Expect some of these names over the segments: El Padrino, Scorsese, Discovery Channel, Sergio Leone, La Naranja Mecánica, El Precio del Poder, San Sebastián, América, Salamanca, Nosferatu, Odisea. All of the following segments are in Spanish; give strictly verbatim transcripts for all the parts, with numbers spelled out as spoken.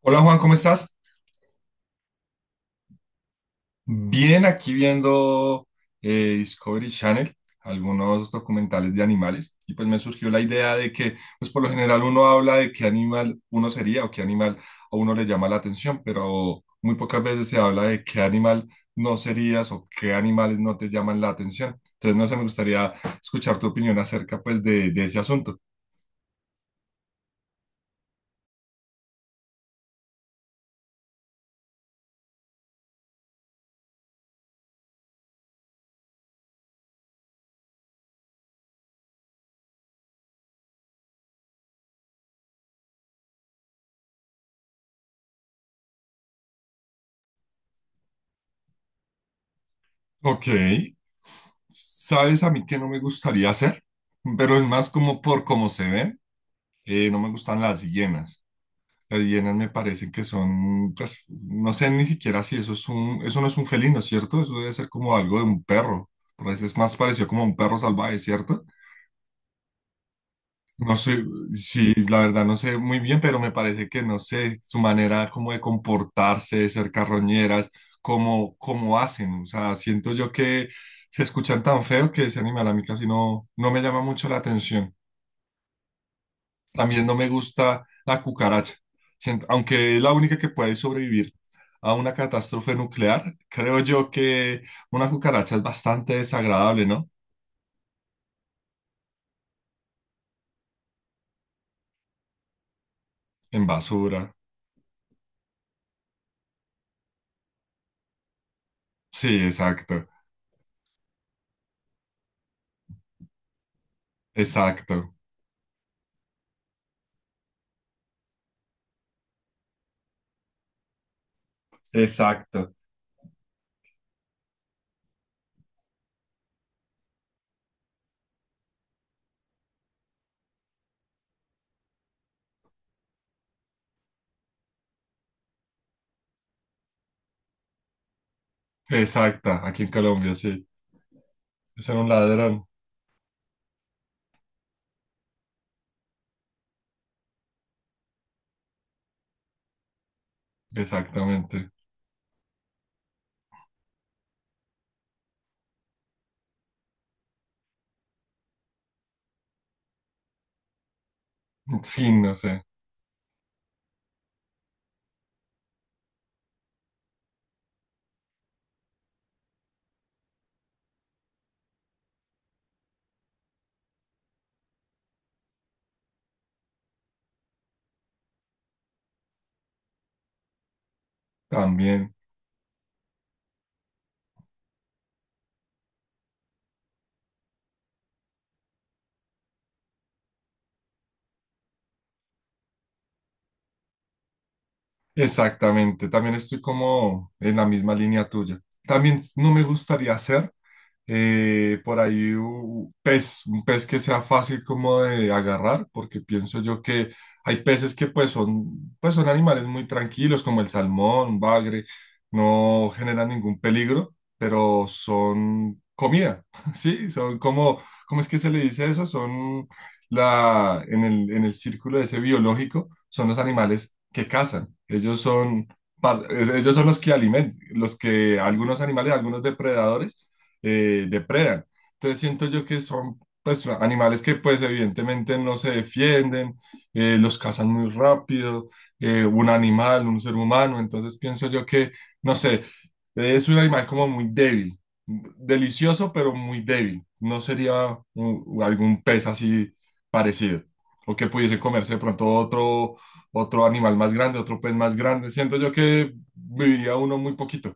Hola Juan, ¿cómo estás? Bien, aquí viendo eh, Discovery Channel, algunos documentales de animales, y pues me surgió la idea de que, pues por lo general uno habla de qué animal uno sería o qué animal a uno le llama la atención, pero muy pocas veces se habla de qué animal no serías o qué animales no te llaman la atención. Entonces, no sé, me gustaría escuchar tu opinión acerca pues de, de ese asunto. Ok, ¿sabes a mí qué no me gustaría hacer? Pero es más como por cómo se ven. Eh, no me gustan las hienas. Las hienas me parecen que son, pues, no sé ni siquiera si eso es un, eso no es un felino, ¿cierto? Eso debe ser como algo de un perro. Por eso es más parecido como a un perro salvaje, ¿cierto? No sé, sí, la verdad no sé muy bien, pero me parece que no sé su manera como de comportarse, de ser carroñeras, cómo, cómo hacen. O sea, siento yo que se escuchan tan feo que ese animal a mí casi no, no me llama mucho la atención. También no me gusta la cucaracha. Sient- Aunque es la única que puede sobrevivir a una catástrofe nuclear, creo yo que una cucaracha es bastante desagradable, ¿no? En basura. Sí, exacto, exacto, exacto. Exacta, aquí en Colombia, sí. Es un ladrón, exactamente. Sí, no sé, también, exactamente, también estoy como en la misma línea tuya. También no me gustaría hacer. Eh, por ahí un pez, un pez que sea fácil como de agarrar, porque pienso yo que hay peces que pues son, pues son animales muy tranquilos, como el salmón, un bagre, no generan ningún peligro, pero son comida, ¿sí? Son como, ¿cómo es que se le dice eso? Son la, en el, en el círculo ese biológico, son los animales que cazan. Ellos son, par- ellos son los que alimentan, los que algunos animales, algunos depredadores, eh, depredan. Entonces siento yo que son pues animales que pues evidentemente no se defienden, eh, los cazan muy rápido, eh, un animal, un ser humano, entonces pienso yo que, no sé, es un animal como muy débil, delicioso pero muy débil, no sería un- algún pez así parecido, o que pudiese comerse de pronto otro, otro animal más grande, otro pez más grande, siento yo que viviría uno muy poquito,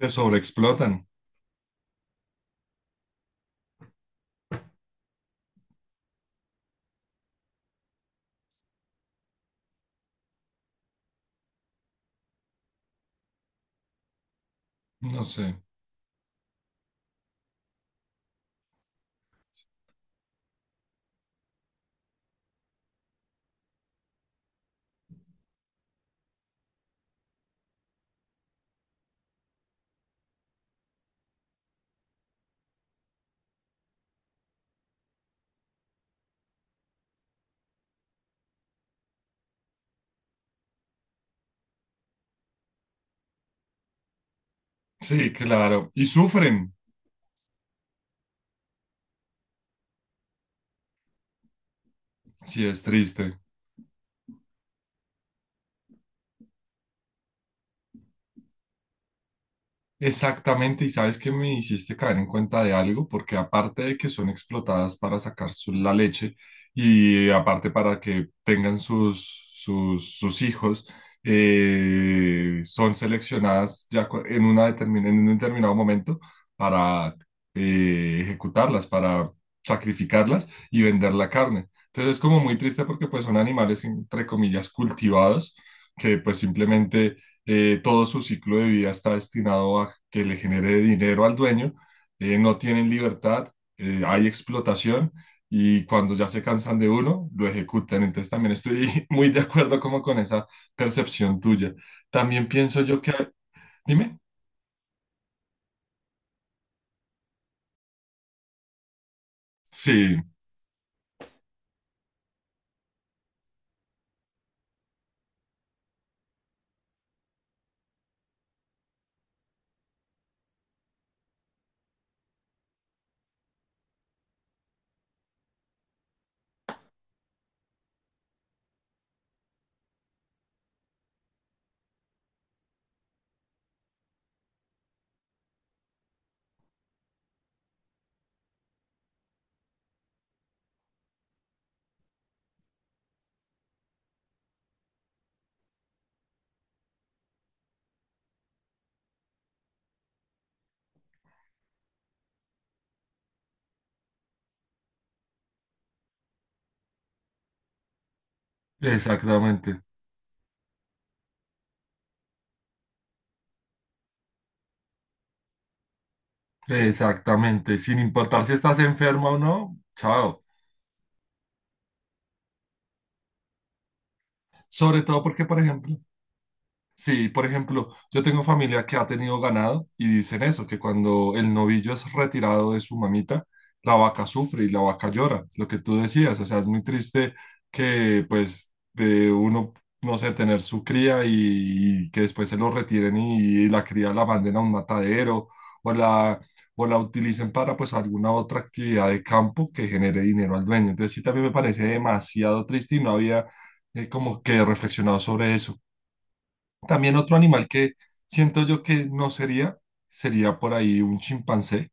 se sobreexplotan, no sé. Sí, claro. Y sufren. Sí, es triste. Exactamente, y sabes que me hiciste caer en cuenta de algo, porque aparte de que son explotadas para sacar su- la leche y aparte para que tengan sus, sus, sus hijos, eh, son seleccionadas ya cu- en, una determin- en un determinado momento para eh, ejecutarlas, para sacrificarlas y vender la carne. Entonces es como muy triste porque pues son animales entre comillas cultivados que pues simplemente eh, todo su ciclo de vida está destinado a que le genere dinero al dueño, eh, no tienen libertad, eh, hay explotación y cuando ya se cansan de uno, lo ejecutan. Entonces también estoy muy de acuerdo como con esa percepción tuya. También pienso yo que, dime, sí, exactamente, exactamente, sin importar si estás enferma o no, chao. Sobre todo porque, por ejemplo, sí, por ejemplo, yo tengo familia que ha tenido ganado y dicen eso, que cuando el novillo es retirado de su mamita, la vaca sufre y la vaca llora, lo que tú decías, o sea, es muy triste que pues de uno, no sé, tener su cría y, y que después se lo retiren y, y la cría la manden a un matadero o la, o la utilicen para pues alguna otra actividad de campo que genere dinero al dueño. Entonces sí, también me parece demasiado triste y no había eh, como que reflexionado sobre eso. También otro animal que siento yo que no sería, sería por ahí un chimpancé.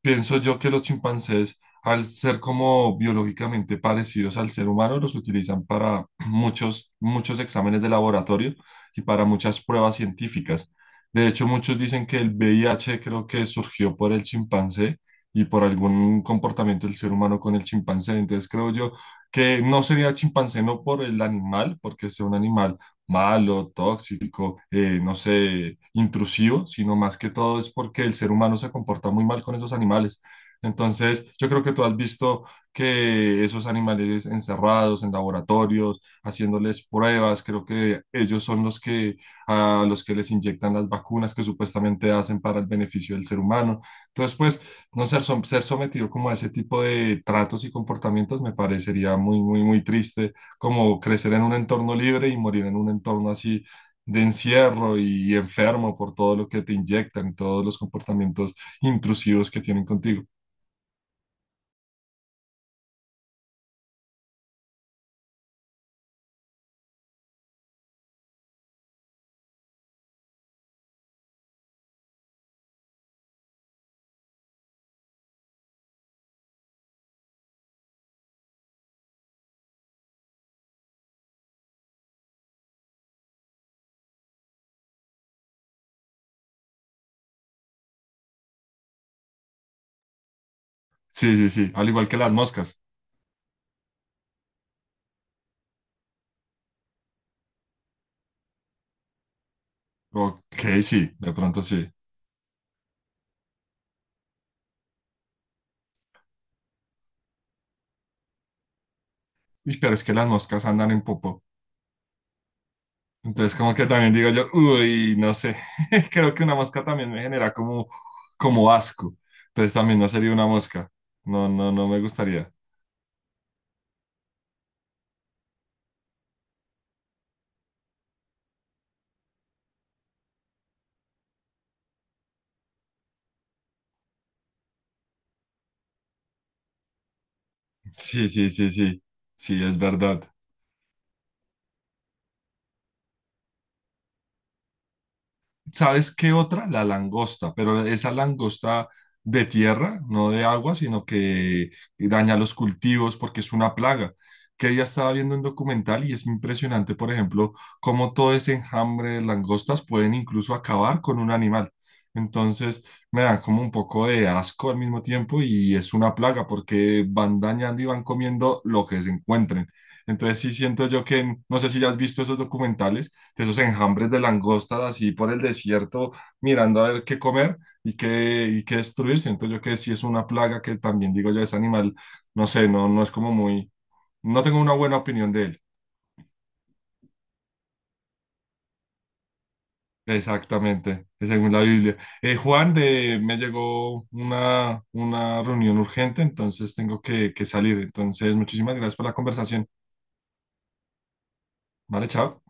Pienso yo que los chimpancés, al ser como biológicamente parecidos al ser humano, los utilizan para muchos, muchos exámenes de laboratorio y para muchas pruebas científicas. De hecho, muchos dicen que el V I H creo que surgió por el chimpancé y por algún comportamiento del ser humano con el chimpancé. Entonces, creo yo que no sería el chimpancé no por el animal, porque es un animal malo, tóxico, eh, no sé, intrusivo, sino más que todo es porque el ser humano se comporta muy mal con esos animales. Entonces, yo creo que tú has visto que esos animales encerrados en laboratorios, haciéndoles pruebas, creo que ellos son los que a los que les inyectan las vacunas que supuestamente hacen para el beneficio del ser humano. Entonces, pues, no ser, som- ser sometido como a ese tipo de tratos y comportamientos me parecería muy, muy, muy triste como crecer en un entorno libre y morir en un entorno así de encierro y enfermo por todo lo que te inyectan, todos los comportamientos intrusivos que tienen contigo. Sí, sí, sí, al igual que las moscas. Ok, sí, de pronto sí. Uy, pero es que las moscas andan en popo. Entonces como que también digo yo, uy, no sé, creo que una mosca también me genera como, como asco. Entonces también no sería una mosca. No, no, no me gustaría. Sí, sí, sí, sí. Sí, es verdad. ¿Sabes qué otra? La langosta, pero esa langosta de tierra, no de agua, sino que daña los cultivos porque es una plaga. Que ya estaba viendo un documental y es impresionante, por ejemplo, cómo todo ese enjambre de langostas pueden incluso acabar con un animal. Entonces, me da como un poco de asco al mismo tiempo y es una plaga porque van dañando y van comiendo lo que se encuentren. Entonces, sí siento yo que, no sé si ya has visto esos documentales de esos enjambres de langostas así por el desierto, mirando a ver qué comer y qué, y qué destruir. Siento yo que sí es una plaga que también digo yo, ese animal, no sé, no, no es como muy, no tengo una buena opinión de él. Exactamente, según la Biblia. Eh, Juan, de, me llegó una, una reunión urgente, entonces tengo que, que salir. Entonces, muchísimas gracias por la conversación. Vale, chao.